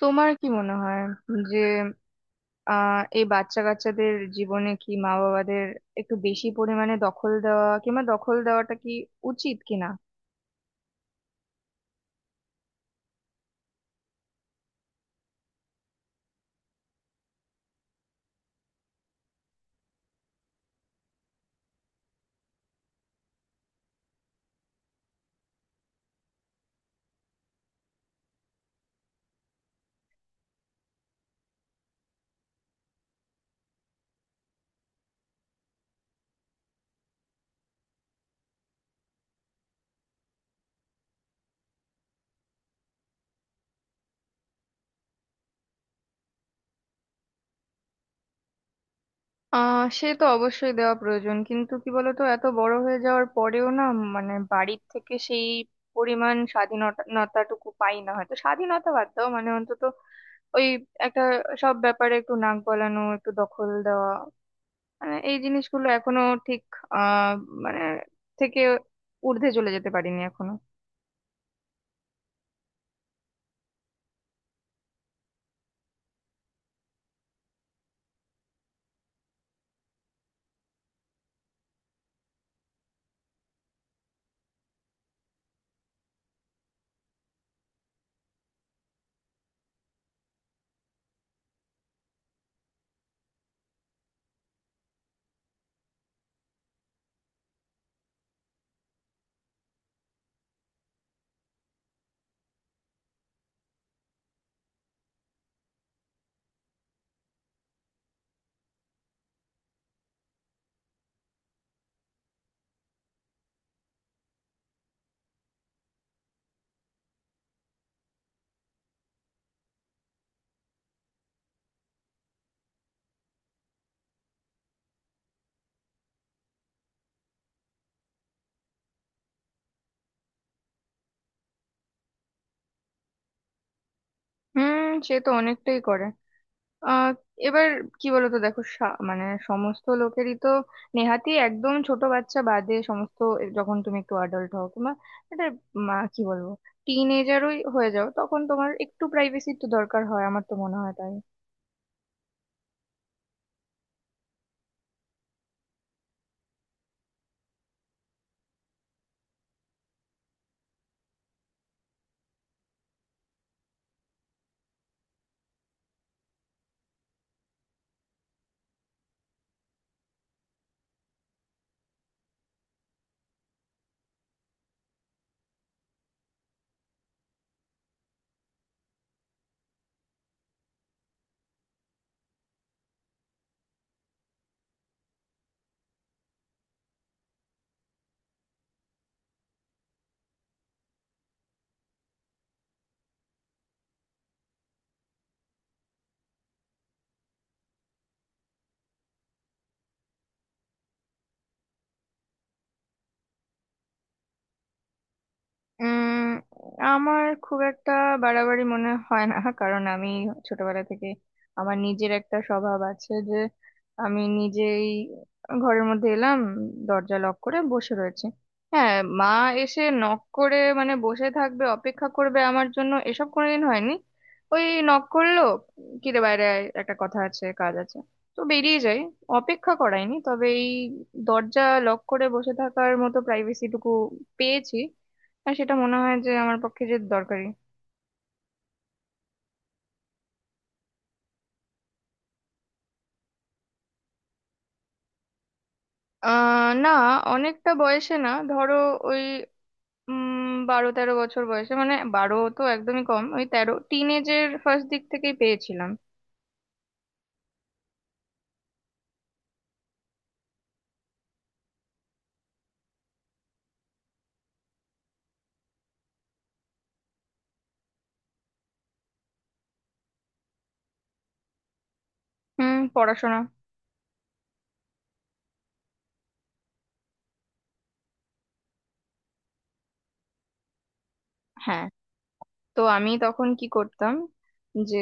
তোমার কি মনে হয় যে এই বাচ্চা কাচ্চাদের জীবনে কি মা বাবাদের একটু বেশি পরিমাণে দখল দেওয়া কিংবা দখল দেওয়াটা কি উচিত কিনা? সে তো অবশ্যই দেওয়া প্রয়োজন, কিন্তু কি বলতো, এত বড় হয়ে যাওয়ার পরেও না, মানে বাড়ির থেকে সেই পরিমাণ স্বাধীনতাটুকু পাই না, হয়তো স্বাধীনতা বাদ দাও, মানে অন্তত ওই একটা, সব ব্যাপারে একটু নাক গলানো, একটু দখল দেওয়া, মানে এই জিনিসগুলো এখনো ঠিক আহ মানে থেকে ঊর্ধ্বে চলে যেতে পারিনি এখনো। হুম, সে তো অনেকটাই করে। আহ এবার কি বলতো, দেখো, মানে সমস্ত লোকেরই তো, নেহাতি একদম ছোট বাচ্চা বাদে সমস্ত, যখন তুমি একটু অ্যাডাল্ট হও কিংবা এটা, মা কি বলবো, টিন এজারই হয়ে যাও, তখন তোমার একটু প্রাইভেসির তো দরকার হয়, আমার তো মনে হয় তাই। উম আমার খুব একটা বাড়াবাড়ি মনে হয় না। কারণ আমি ছোটবেলা থেকে আমার নিজের একটা স্বভাব আছে যে আমি নিজেই ঘরের মধ্যে এলাম, দরজা লক করে বসে রয়েছে। হ্যাঁ, মা এসে নক করে মানে বসে থাকবে, অপেক্ষা করবে আমার জন্য, এসব কোনোদিন হয়নি। ওই নক করলো, কি রে বাইরে আয়, একটা কথা আছে, কাজ আছে, তো বেরিয়ে যাই, অপেক্ষা করায়নি। তবে এই দরজা লক করে বসে থাকার মতো প্রাইভেসিটুকু পেয়েছি, আর সেটা মনে হয় যে আমার পক্ষে যে দরকারি। না, অনেকটা বয়সে না, ধরো ওই, 12-13 বছর বয়সে, মানে 12 তো একদমই কম, ওই 13, টিনেজের ফার্স্ট দিক থেকেই পেয়েছিলাম। হুম, পড়াশোনা। হ্যাঁ, তো আমি তখন কি করতাম? যে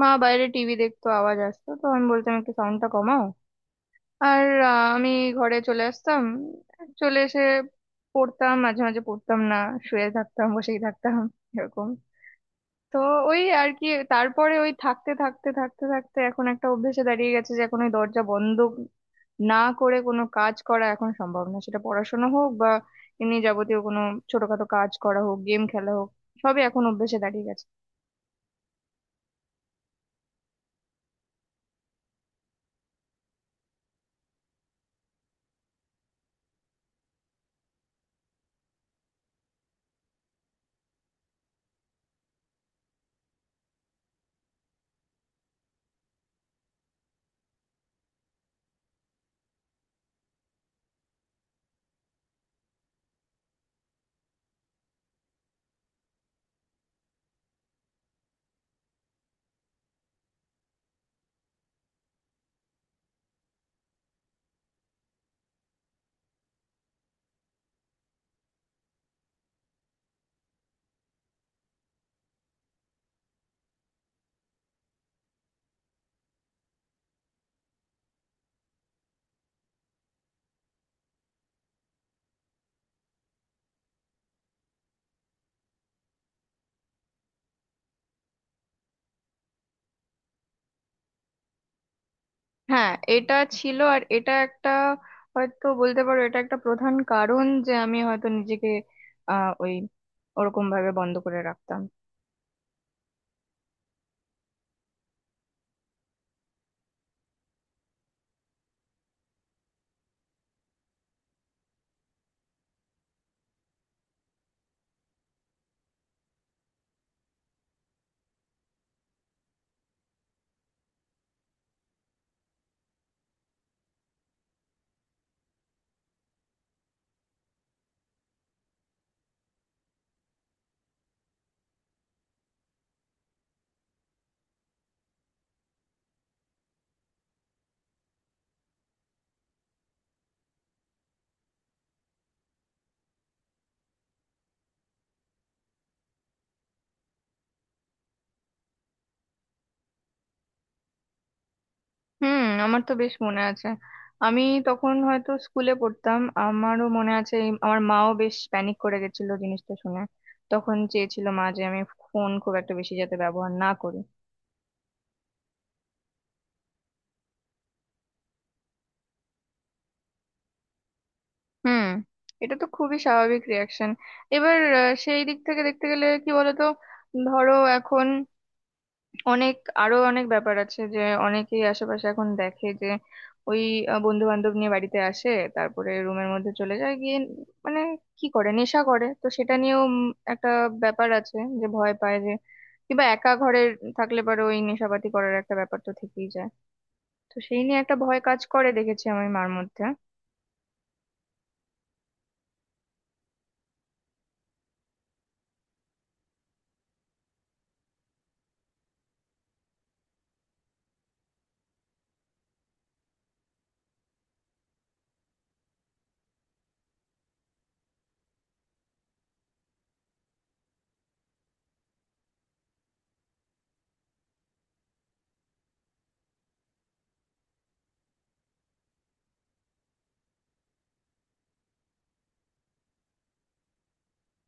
মা বাইরে টিভি দেখতো, আওয়াজ আসতো, তো আমি বলতাম একটু সাউন্ডটা কমাও। আর আমি ঘরে চলে আসতাম, চলে এসে পড়তাম, মাঝে মাঝে পড়তাম না, শুয়ে থাকতাম, বসেই থাকতাম, এরকম। তো ওই আর কি, তারপরে ওই থাকতে থাকতে থাকতে থাকতে এখন একটা অভ্যেসে দাঁড়িয়ে গেছে যে এখন ওই দরজা বন্ধ না করে কোনো কাজ করা এখন সম্ভব না, সেটা পড়াশোনা হোক বা এমনি যাবতীয় কোনো ছোটখাটো কাজ করা হোক, গেম খেলা হোক, সবই এখন অভ্যেসে দাঁড়িয়ে গেছে। হ্যাঁ, এটা ছিল। আর এটা একটা, হয়তো বলতে পারো এটা একটা প্রধান কারণ যে আমি হয়তো নিজেকে ওই ওরকম ভাবে বন্ধ করে রাখতাম। হুম, আমার তো বেশ মনে আছে। আমি তখন হয়তো স্কুলে পড়তাম, আমারও মনে আছে আমার মাও বেশ প্যানিক করে গেছিল জিনিসটা শুনে। তখন চেয়েছিল মা যে আমি ফোন খুব একটা বেশি যাতে ব্যবহার না করি। হুম, এটা তো খুবই স্বাভাবিক রিয়াকশন। এবার সেই দিক থেকে দেখতে গেলে কি বলতো, ধরো এখন অনেক, আরো অনেক ব্যাপার আছে যে অনেকেই আশেপাশে এখন দেখে যে ওই বন্ধু বান্ধব নিয়ে বাড়িতে আসে, তারপরে রুমের মধ্যে চলে যায় গিয়ে মানে কি করে, নেশা করে, তো সেটা নিয়েও একটা ব্যাপার আছে যে ভয় পায় যে, কিংবা একা ঘরে থাকলে পরে ওই নেশাপাতি করার একটা ব্যাপার তো থেকেই যায়। তো সেই নিয়ে একটা ভয় কাজ করে দেখেছি আমি মার মধ্যে।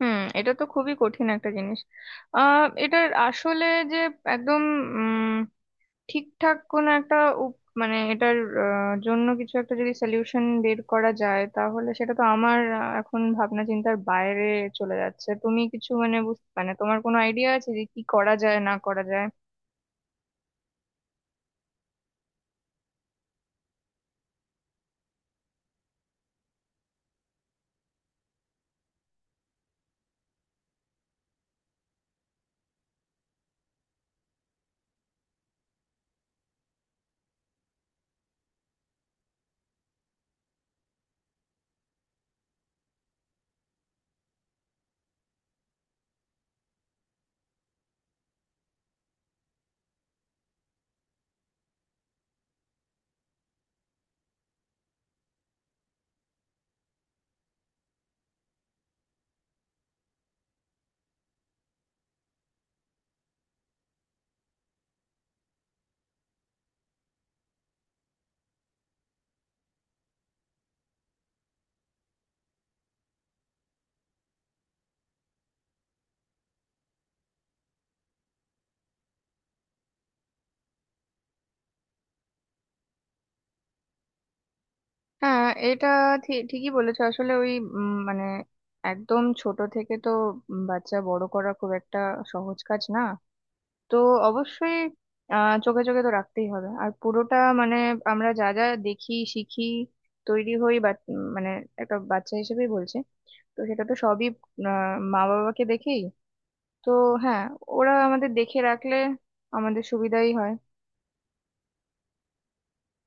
হুম, এটা তো খুবই কঠিন একটা জিনিস। এটার আসলে যে একদম ঠিকঠাক কোন একটা মানে এটার জন্য কিছু একটা যদি সলিউশন বের করা যায়, তাহলে সেটা তো আমার এখন ভাবনা চিন্তার বাইরে চলে যাচ্ছে। তুমি কিছু মানে মানে তোমার কোনো আইডিয়া আছে যে কি করা যায় না করা যায়? হ্যাঁ, এটা ঠিকই বলেছো। আসলে ওই মানে একদম ছোট থেকে তো, বাচ্চা বড় করা খুব একটা সহজ কাজ না। তো অবশ্যই চোখে চোখে তো রাখতেই হবে। আর পুরোটা মানে আমরা যা যা দেখি, শিখি, তৈরি হই বা মানে একটা বাচ্চা হিসেবেই বলছে, তো সেটা তো সবই মা বাবাকে দেখেই। তো হ্যাঁ, ওরা আমাদের দেখে রাখলে আমাদের সুবিধাই হয়।